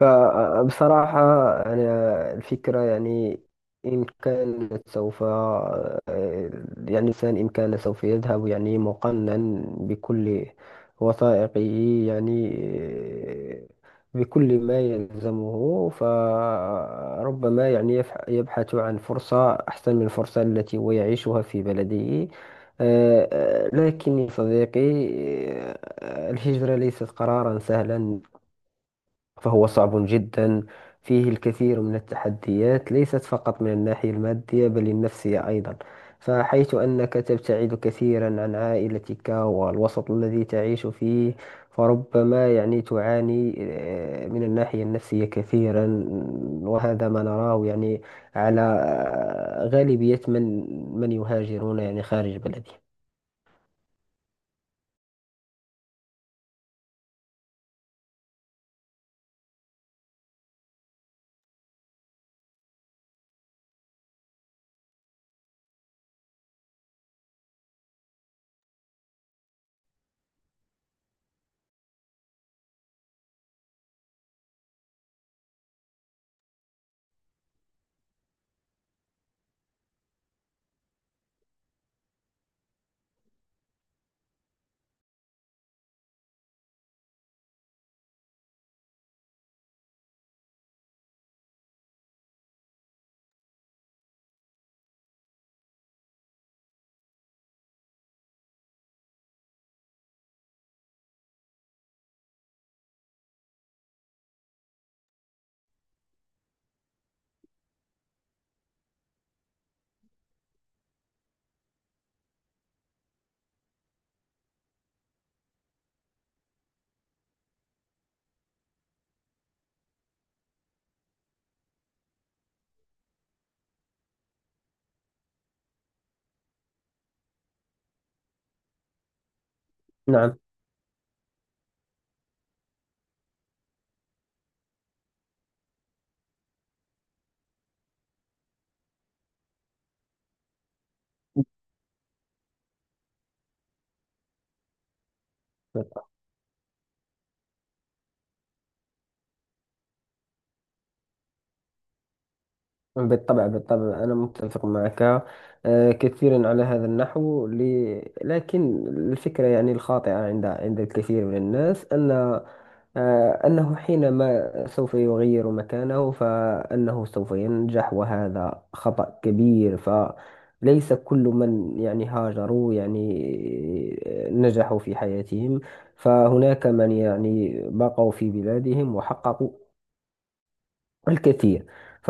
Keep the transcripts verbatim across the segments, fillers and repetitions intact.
فبصراحة أنا الفكرة يعني إن كان سوف يعني الإنسان إن كان سوف يذهب يعني مقنن بكل وثائقه، يعني بكل ما يلزمه. فربما يعني يفح- يبحث عن فرصة أحسن من الفرصة التي هو يعيشها في بلده. آه، آه، لكن يا صديقي، آه، الهجرة ليست قرارا سهلا، فهو صعب جدا. فيه الكثير من التحديات، ليست فقط من الناحية المادية بل النفسية أيضا، فحيث أنك تبتعد كثيرا عن عائلتك والوسط الذي تعيش فيه، فربما يعني تعاني آه، من الناحية النفسية كثيرا. وهذا ما نراه يعني على آه، غالبية من من يهاجرون يعني خارج بلدهم. نعم. بالطبع، بالطبع أنا متفق معك آه، كثيرا على هذا النحو. لي- لكن الفكرة يعني الخاطئة عند عند الكثير من الناس أن آه، أنه حينما سوف يغير مكانه فأنه سوف ينجح، وهذا خطأ كبير. فليس كل من يعني هاجروا يعني آه، نجحوا في حياتهم، فهناك من يعني بقوا في بلادهم وحققوا الكثير. ف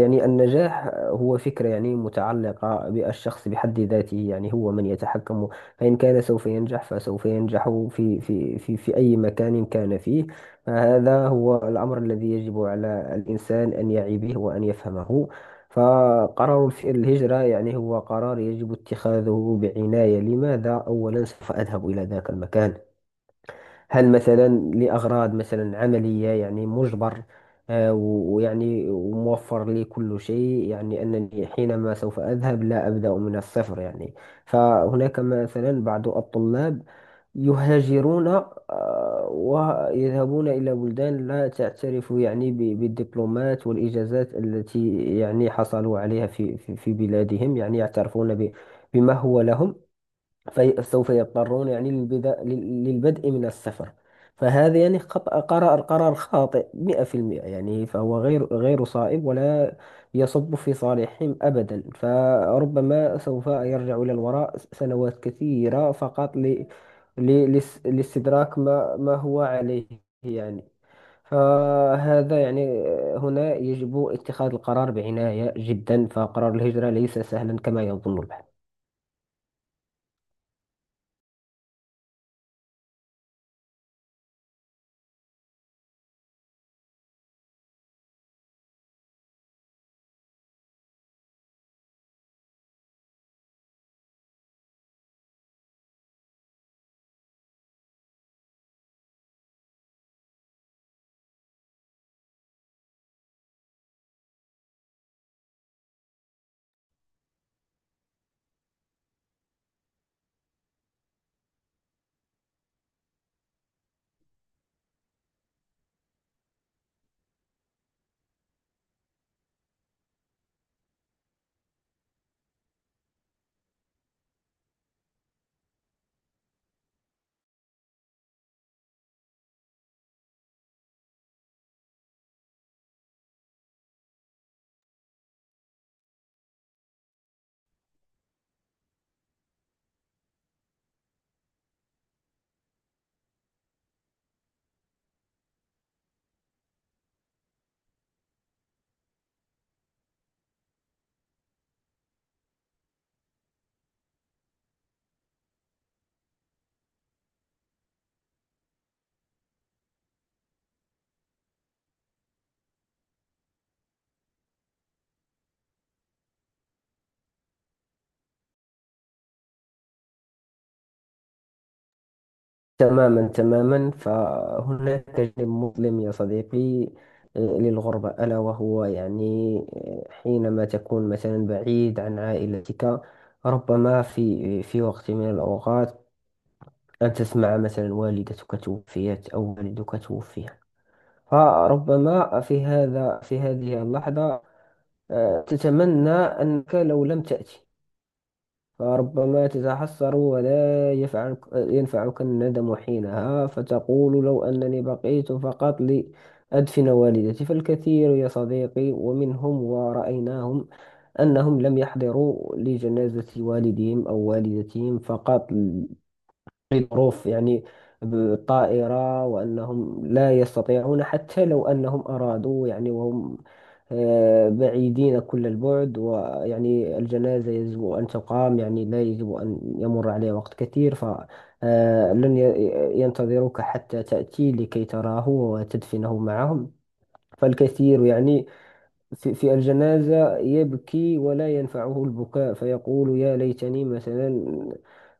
يعني النجاح هو فكرة يعني متعلقة بالشخص بحد ذاته، يعني هو من يتحكم. فإن كان سوف ينجح فسوف ينجح في في في في أي مكان كان فيه. فهذا هو الأمر الذي يجب على الإنسان أن يعي به وأن يفهمه. فقرار الف- الهجرة يعني هو قرار يجب اتخاذه بعناية. لماذا أولا سوف أذهب إلى ذاك المكان؟ هل مثلا لأغراض مثلا عملية يعني مجبر، آه، و- ويعني وموفر لي كل شيء، يعني أنني حينما سوف أذهب لا أبدأ من الصفر. يعني فهناك مثلا بعض الطلاب يهاجرون آه، ويذهبون إلى بلدان لا تعترف يعني ب- بالدبلومات والإجازات التي يعني حصلوا عليها في في في بلادهم، يعني يعترفون ب- بما هو لهم. فسوف يضطرون يعني للبدا... لل- للبدء من السفر. فهذا يعني خطأ، قرار قرار خاطئ مئة في المئة. يعني فهو غير غير صائب ولا يصب في صالحهم أبدا، فربما سوف يرجع إلى الوراء سنوات كثيرة فقط ل... ل... لس- لاستدراك ما ما هو عليه. يعني فهذا يعني هنا يجب اتخاذ القرار بعناية جدا، فقرار الهجرة ليس سهلا كما يظن البعض. تماما، تماما فهناك جانب مظلم يا صديقي، آه، للغربة، ألا وهو يعني آه، حينما تكون مثلا بعيد عن عائلتك، ربما في في وقت من الأوقات أن تسمع مثلا والدتك توفيت أو والدك توفي، فربما في هذا في هذه اللحظة آه، تتمنى أنك لو لم تأتي، فربما تتحسر ولا يفعلك ينفعك الندم حينها، فتقول لو أنني بقيت فقط لأدفن والدتي. فالكثير يا صديقي، ومنهم ورأيناهم، أنهم لم يحضروا لجنازة والدهم أو والدتهم، فقط ظروف يعني بالطائرة، وأنهم لا يستطيعون حتى لو أنهم أرادوا، يعني وهم آه، بعيدين كل البعد. ويعني الجنازة يجب أن تقام، يعني لا يجب أن يمر عليه وقت كثير، فلن ينتظروك حتى تأتي لكي تراه وتدفنه معهم. فالكثير يعني في, في الجنازة يبكي ولا ينفعه البكاء، فيقول يا ليتني مثلا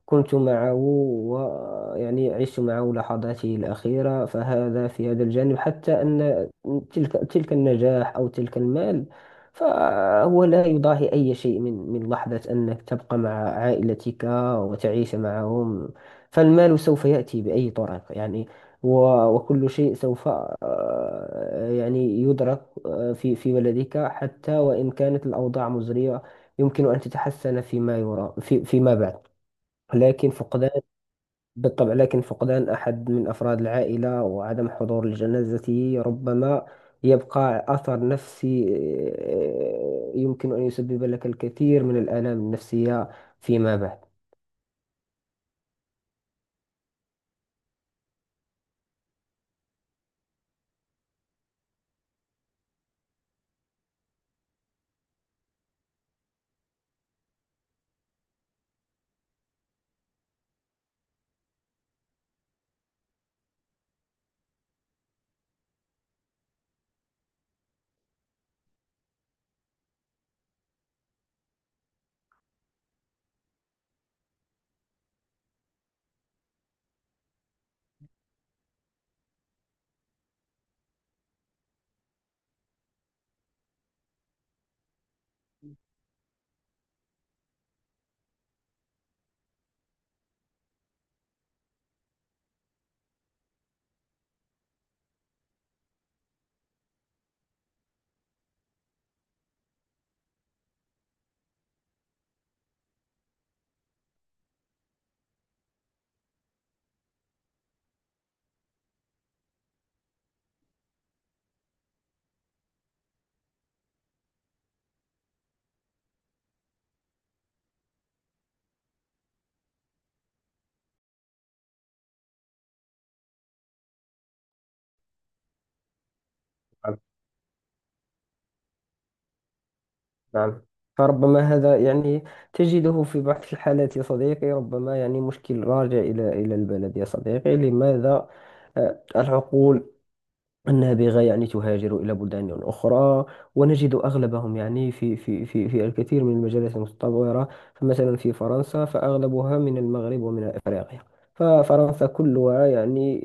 كنت معه، ويعني عشت معه لحظاته الأخيرة. فهذا في هذا الجانب، حتى أن تلك تلك النجاح أو تلك المال فهو لا يضاهي أي شيء من من لحظة أنك تبقى مع عائلتك وتعيش معهم. فالمال سوف يأتي بأي طريقة يعني، و- وكل شيء سوف آه، يعني يدرك آه، في في بلدك. حتى وإن كانت الأوضاع مزرية، يمكن أن تتحسن فيما يرى في فيما بعد. لكن فقدان بالطبع، لكن فقدان أحد من أفراد العائلة وعدم حضور لجنازته ربما يبقى أثر نفسي، آه، يمكن أن يسبب لك الكثير من الآلام النفسية فيما بعد. نعم، فربما هذا يعني تجده في بعض الحالات يا صديقي، ربما يعني مشكل راجع إلى إلى البلد. يا صديقي، لماذا آه، العقول النابغة يعني تهاجر إلى بلدان أخرى؟ ونجد أغلبهم يعني في في في في الكثير من المجالات المتطورة، فمثلا في فرنسا فأغلبها من المغرب ومن أفريقيا. ففرنسا كلها يعني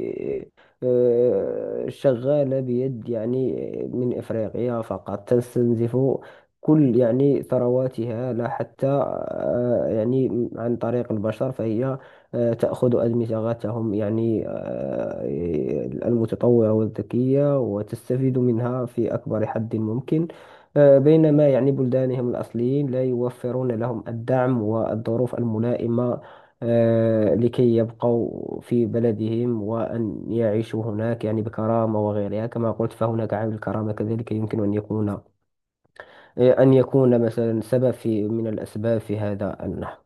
آه، شغالة بيد يعني من أفريقيا. فقط تستنزف كل يعني ثرواتها، لا حتى آه، يعني عن طريق البشر، فهي آه، تأخذ أدمغتهم، يعني آه، المتطورة والذكية، وتستفيد منها في أكبر حد ممكن. آه، بينما يعني بلدانهم الأصليين لا يوفرون لهم الدعم والظروف الملائمة آه، لكي يبقوا في بلدهم وأن يعيشوا هناك يعني بكرامة وغيرها. كما قلت، فهناك عامل الكرامة كذلك، يمكن أن يكون آه، أن يكون مثلا سبب في من الأسباب في هذا النحو.